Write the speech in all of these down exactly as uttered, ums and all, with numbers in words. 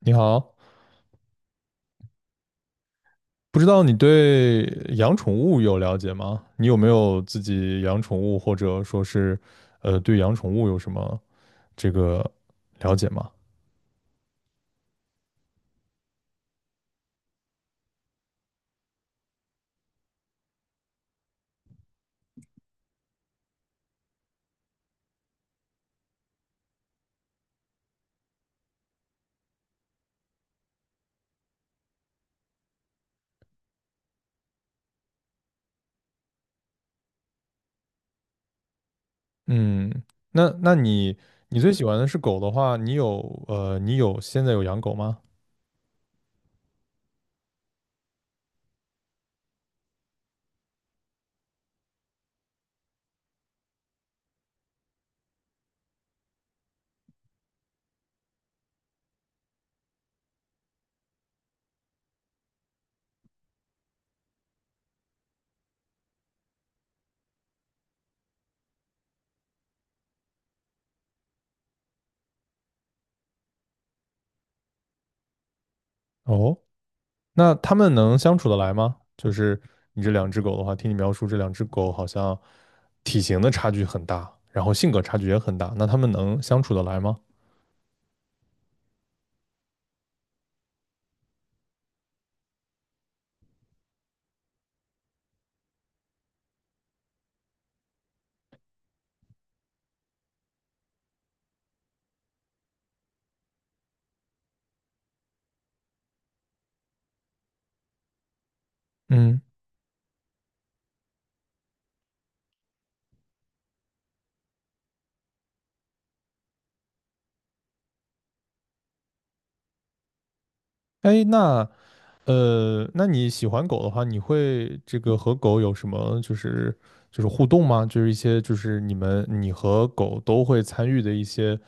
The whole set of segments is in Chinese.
你好，不知道你对养宠物有了解吗？你有没有自己养宠物，或者说是，呃，对养宠物有什么这个了解吗？嗯，那那你你最喜欢的是狗的话，你有呃，你有现在有养狗吗？哦，那它们能相处得来吗？就是你这两只狗的话，听你描述这两只狗好像体型的差距很大，然后性格差距也很大，那它们能相处得来吗？嗯，哎，那。呃，那你喜欢狗的话，你会这个和狗有什么就是就是互动吗？就是一些就是你们你和狗都会参与的一些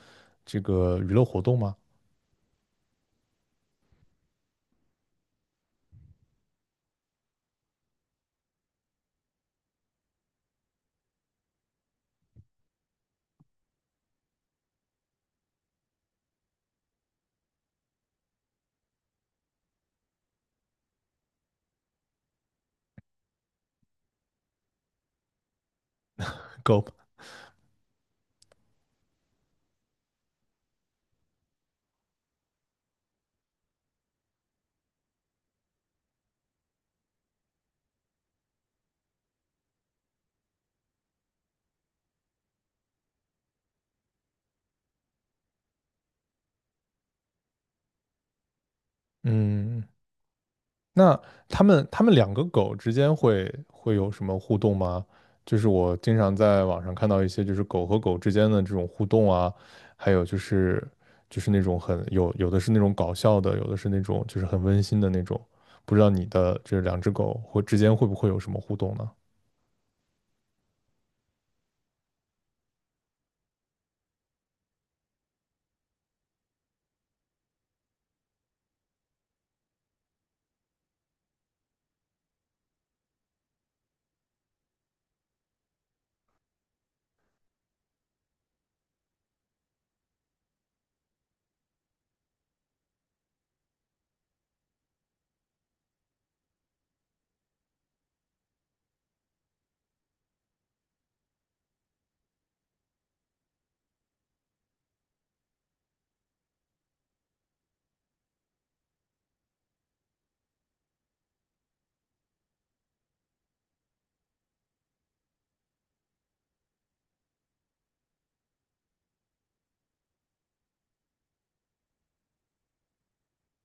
这个娱乐活动吗？狗，嗯，那他们他们两个狗之间会会有什么互动吗？就是我经常在网上看到一些就是狗和狗之间的这种互动啊，还有就是就是那种很有有的是那种搞笑的，有的是那种就是很温馨的那种。不知道你的这两只狗会之间会不会有什么互动呢？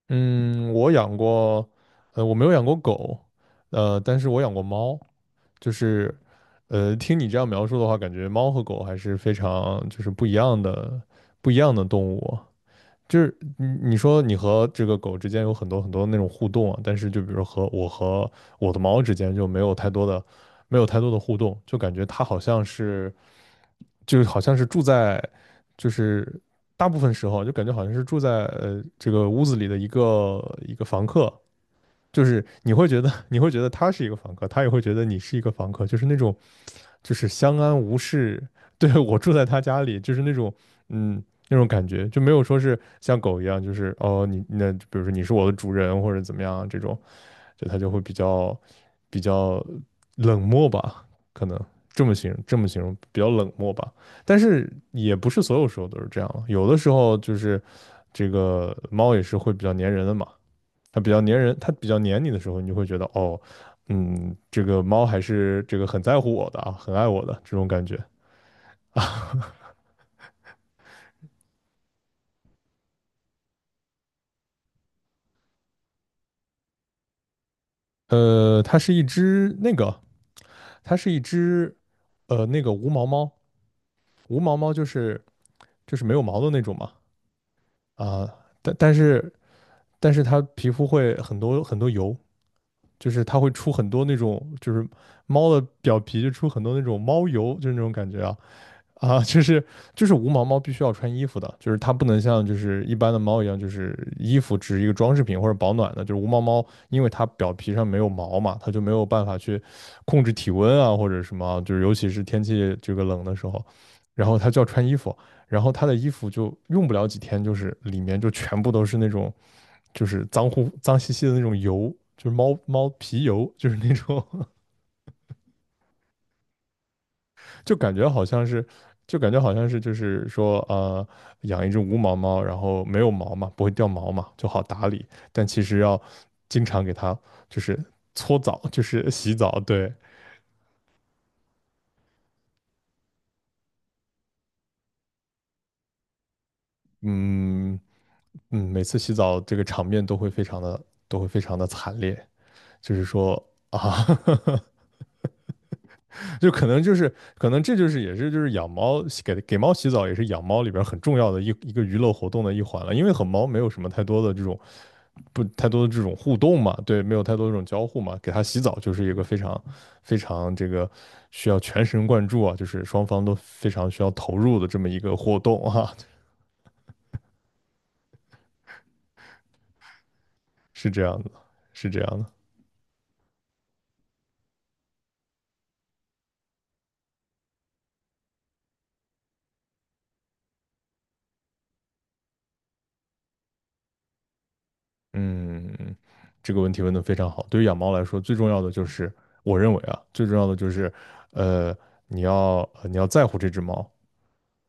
嗯，我养过，呃，我没有养过狗，呃，但是我养过猫。就是，呃，听你这样描述的话，感觉猫和狗还是非常就是不一样的，不一样的动物。就是你你说你和这个狗之间有很多很多那种互动啊，但是就比如和我和我的猫之间就没有太多的，没有太多的互动，就感觉它好像是，就是好像是住在，就是大部分时候就感觉好像是住在呃这个屋子里的一个一个房客，就是你会觉得你会觉得他是一个房客，他也会觉得你是一个房客，就是那种就是相安无事。对，我住在他家里，就是那种嗯那种感觉，就没有说是像狗一样，就是哦你那比如说你是我的主人或者怎么样这种，就他就会比较比较冷漠吧，可能这么形容这么形容比较冷漠吧。但是也不是所有时候都是这样了，有的时候就是这个猫也是会比较粘人的嘛。它比较粘人，它比较粘你的时候，你就会觉得哦，嗯，这个猫还是这个很在乎我的啊，很爱我的这种感觉啊。呃，它是一只那个，它是一只呃那个无毛猫，无毛猫就是就是没有毛的那种嘛。啊，但但是但是它皮肤会很多很多油，就是它会出很多那种就是猫的表皮就出很多那种猫油，就是那种感觉啊。啊，就是就是无毛猫必须要穿衣服的，就是它不能像就是一般的猫一样，就是衣服只是一个装饰品或者保暖的。就是无毛猫，因为它表皮上没有毛嘛，它就没有办法去控制体温啊或者什么，就是尤其是天气这个冷的时候，然后它就要穿衣服，然后它的衣服就用不了几天，就是里面就全部都是那种就是脏乎脏兮兮的那种油，就是猫猫皮油，就是那种就感觉好像是，就感觉好像是，就是说，呃，养一只无毛猫，然后没有毛嘛，不会掉毛嘛，就好打理。但其实要经常给它就是搓澡，就是洗澡。对，嗯，嗯，每次洗澡这个场面都会非常的，都会非常的惨烈，就是说啊。就可能就是可能这就是也是就是养猫给给猫洗澡也是养猫里边很重要的一一个娱乐活动的一环了，因为和猫没有什么太多的这种不太多的这种互动嘛，对，没有太多这种交互嘛，给它洗澡就是一个非常非常这个需要全神贯注啊，就是双方都非常需要投入的这么一个活动啊。是这样的，是这样的。嗯，这个问题问得非常好。对于养猫来说，最重要的就是，我认为啊，最重要的就是，呃，你要呃你要在乎这只猫，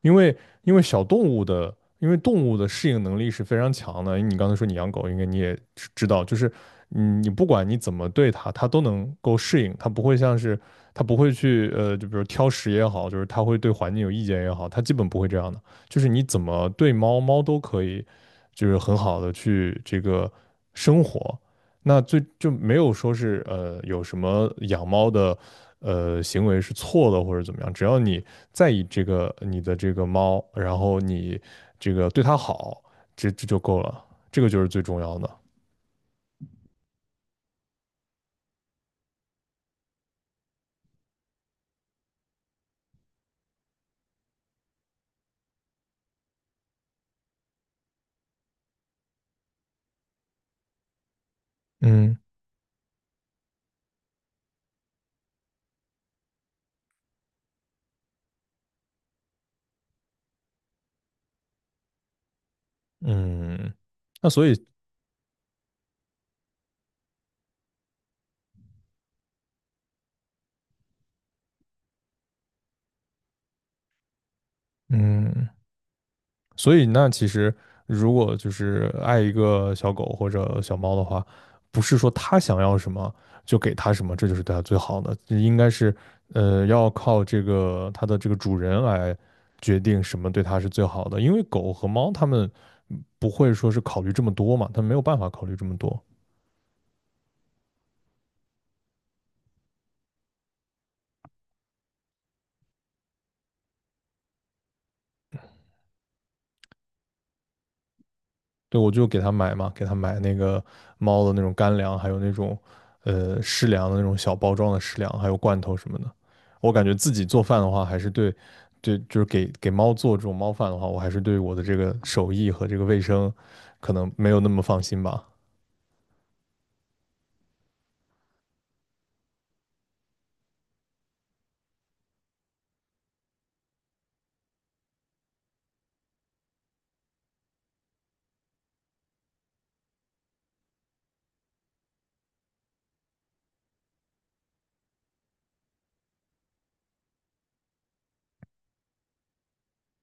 因为因为小动物的，因为动物的适应能力是非常强的。你刚才说你养狗，应该你也知知道，就是嗯，你不管你怎么对它，它都能够适应，它不会像是它不会去呃，就比如挑食也好，就是它会对环境有意见也好，它基本不会这样的。就是你怎么对猫，猫都可以，就是很好的去这个生活。那最就没有说是呃有什么养猫的呃行为是错的或者怎么样，只要你在意这个你的这个猫，然后你这个对它好，这这就够了，这个就是最重要的。嗯，嗯，那所以嗯所以那其实如果就是爱一个小狗或者小猫的话，不是说它想要什么就给它什么，这就是对它最好的，应该是呃要靠这个它的这个主人来决定什么对它是最好的，因为狗和猫它们不会说是考虑这么多嘛，它没有办法考虑这么多。对，我就给他买嘛，给他买那个猫的那种干粮，还有那种呃湿粮的那种小包装的湿粮，还有罐头什么的。我感觉自己做饭的话，还是对，对，就是给给猫做这种猫饭的话，我还是对我的这个手艺和这个卫生可能没有那么放心吧。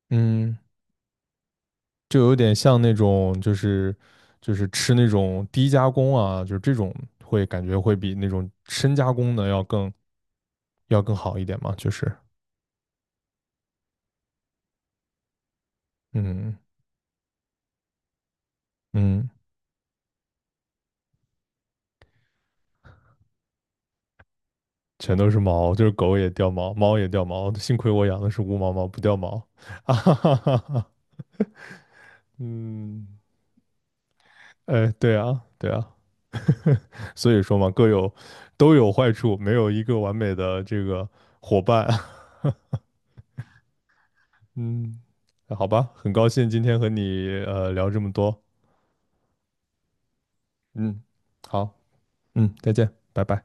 嗯，就有点像那种就是就是吃那种低加工啊，就是这种会感觉会比那种深加工的要更要更好一点嘛，就是嗯，嗯。全都是毛，就是狗也掉毛，猫也掉毛，幸亏我养的是无毛猫，不掉毛。啊哈哈哈哈，嗯，哎，对啊，对啊，所以说嘛，各有都有坏处，没有一个完美的这个伙伴。嗯，好吧，很高兴今天和你呃聊这么多，嗯，好，嗯，再见，拜拜。